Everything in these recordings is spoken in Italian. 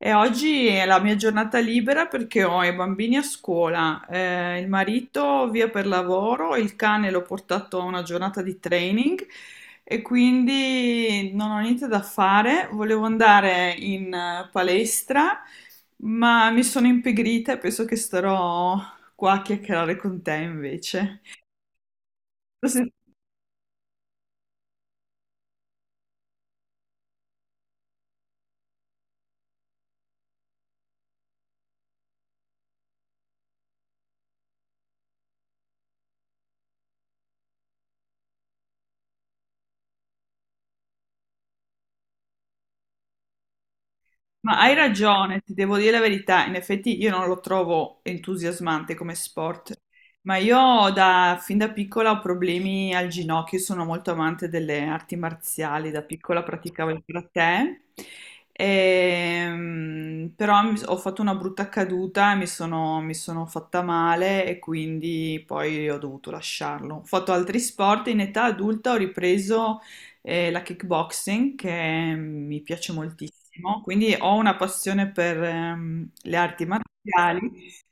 E oggi è la mia giornata libera perché ho i bambini a scuola, il marito via per lavoro, il cane l'ho portato a una giornata di training e quindi non ho niente da fare. Volevo andare in palestra, ma mi sono impigrita e penso che starò qua a chiacchierare con te invece. Ma hai ragione, ti devo dire la verità, in effetti io non lo trovo entusiasmante come sport, ma fin da piccola ho problemi al ginocchio, sono molto amante delle arti marziali, da piccola praticavo il karate, però ho fatto una brutta caduta e mi sono fatta male e quindi poi ho dovuto lasciarlo. Ho fatto altri sport, in età adulta ho ripreso la kickboxing che mi piace moltissimo, quindi ho una passione per le arti marziali,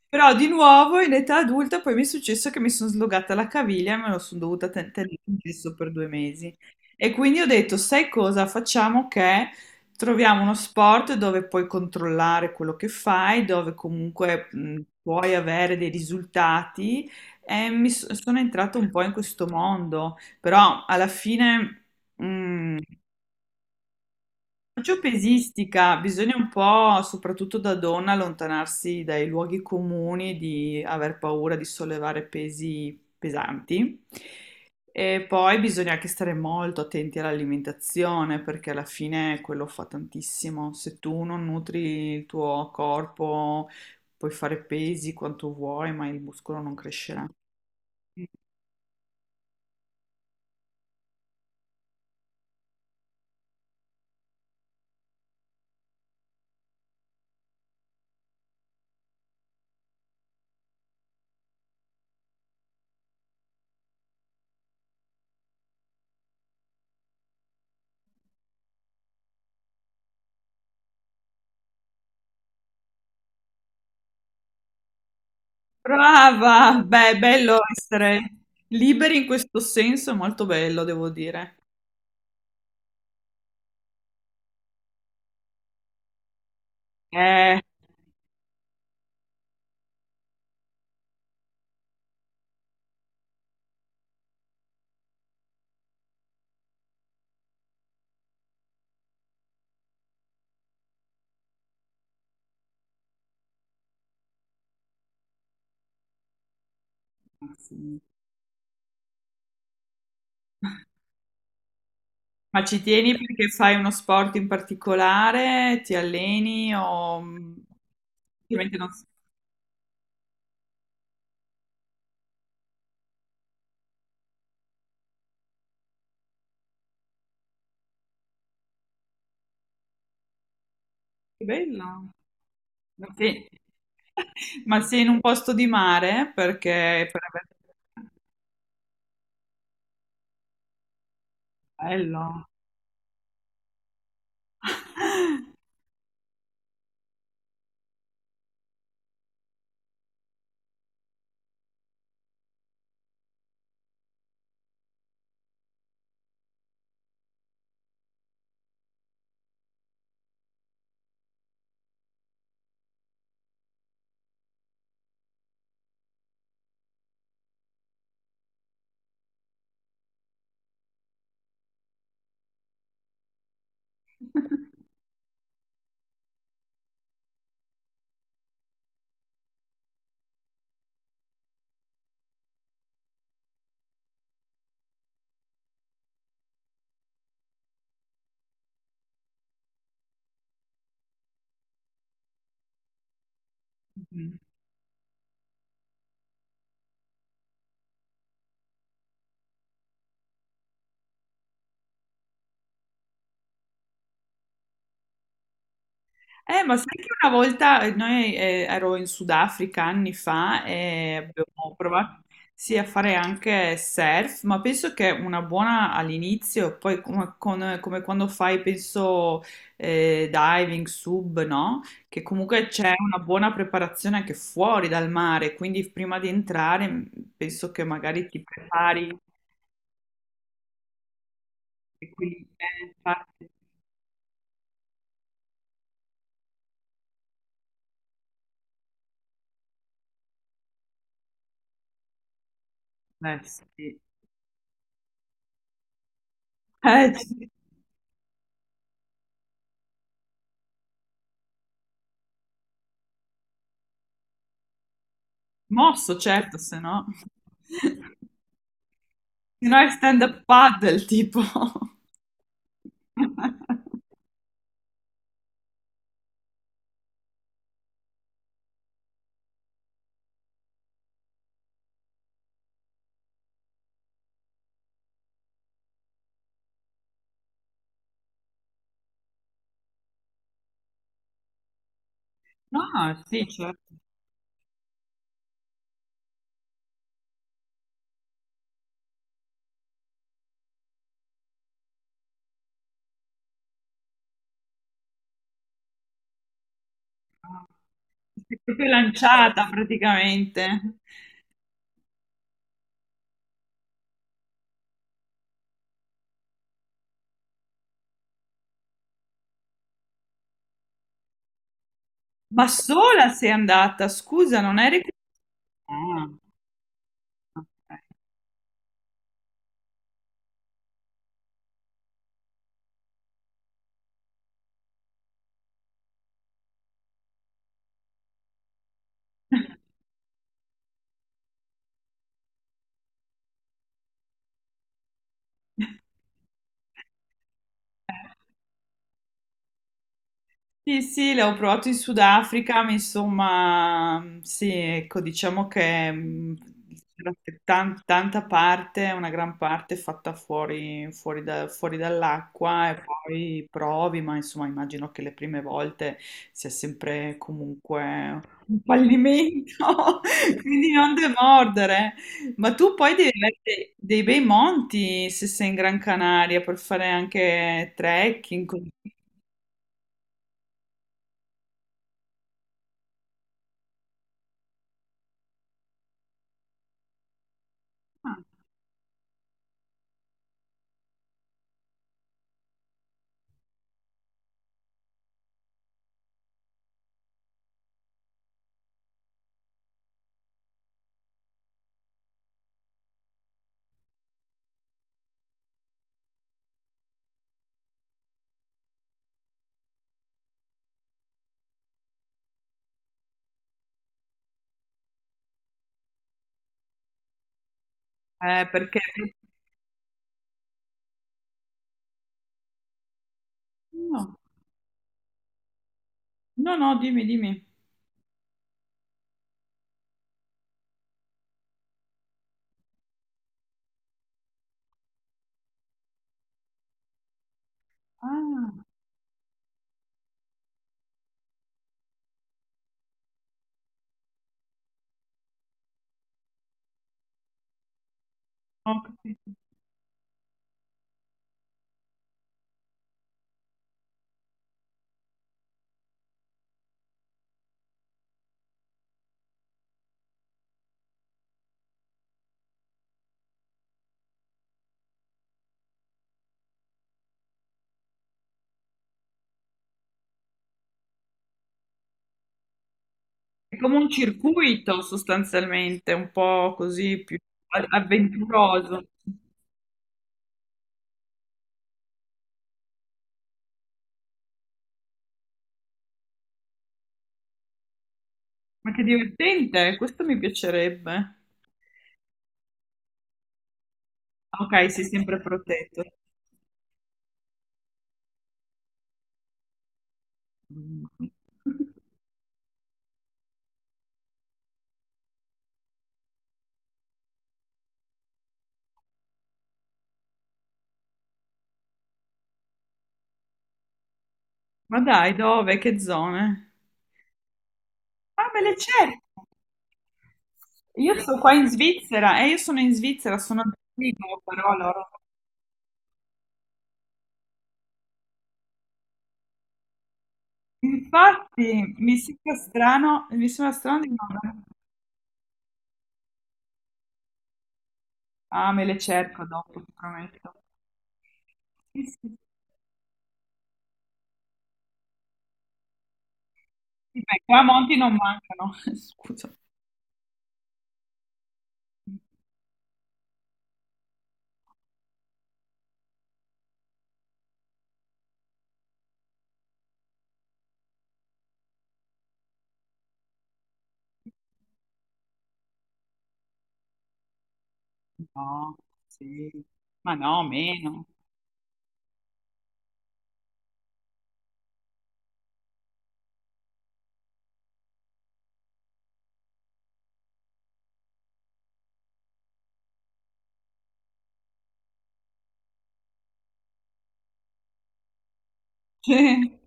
però di nuovo in età adulta poi mi è successo che mi sono slogata la caviglia e me lo sono dovuta tenere in gesso per due mesi. E quindi ho detto, sai cosa, facciamo che troviamo uno sport dove puoi controllare quello che fai, dove comunque puoi avere dei risultati e sono entrata un po' in questo mondo, però alla fine. Mm. Faccio pesistica, bisogna un po', soprattutto da donna, allontanarsi dai luoghi comuni di aver paura di sollevare pesi pesanti. E poi bisogna anche stare molto attenti all'alimentazione perché alla fine quello fa tantissimo. Se tu non nutri il tuo corpo, puoi fare pesi quanto vuoi, ma il muscolo non crescerà. Brava! Beh, è bello essere liberi in questo senso, è molto bello, devo dire. Eh, sì. Ma ci tieni perché fai uno sport in particolare? Ti alleni o... Ovviamente non so. Che bello. Ma sei... Ma sei in un posto di mare? Perché... Bello. Mm. Ma sai che una volta noi ero in Sudafrica anni fa e abbiamo provato, sì, a fare anche surf, ma penso che una buona all'inizio, poi come, come quando fai, penso, diving, sub, no? Che comunque c'è una buona preparazione anche fuori dal mare, quindi prima di entrare penso che magari ti prepari e quindi infatti, sì. Sì. Mosso, certo, se no... Se no è stand-up paddle, tipo. No, sì, certo. Sei proprio lanciata praticamente. Ma sola sei andata, scusa, non eri... Ah, ok. Sì, sì, l'ho provato in Sudafrica, ma insomma, sì, ecco, diciamo che c'era tanta parte, una gran parte fatta fuori, fuori dall'acqua e poi provi, ma insomma immagino che le prime volte sia sempre comunque un fallimento, quindi non demordere. Ma tu poi devi avere dei bei monti se sei in Gran Canaria per fare anche trekking. Così. Ah. Perché... No, no, no, dimmi, dimmi. Ah, ho capito. È come un circuito sostanzialmente, un po' così più avventuroso. Ma che divertente, questo mi piacerebbe. Ok, sei sempre protetto. Mm. Ma dai, dove? Che zone? Ah, me le cerco. Io sto qua in Svizzera, sono a Zurigo, però loro... Infatti, mi sembra strano di non... Ah, me le cerco dopo, ti prometto. Sì, sì. I tramonti non mancano. Scusa. No, sì. Ma no, meno. Sì.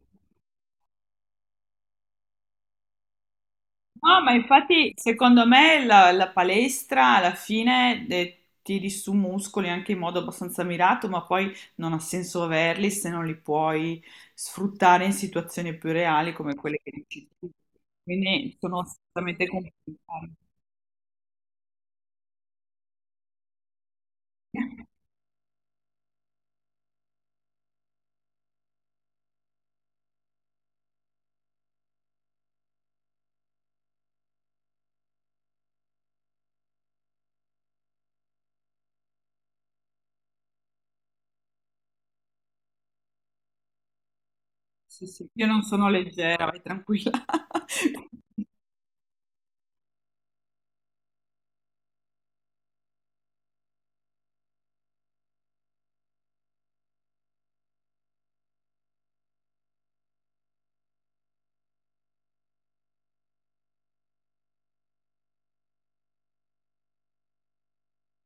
No, ma infatti secondo me la palestra alla fine tiri su muscoli anche in modo abbastanza mirato, ma poi non ha senso averli se non li puoi sfruttare in situazioni più reali come quelle che dici tu. Quindi sono assolutamente complicate. Sì, sì. Io non sono leggera, vai tranquilla.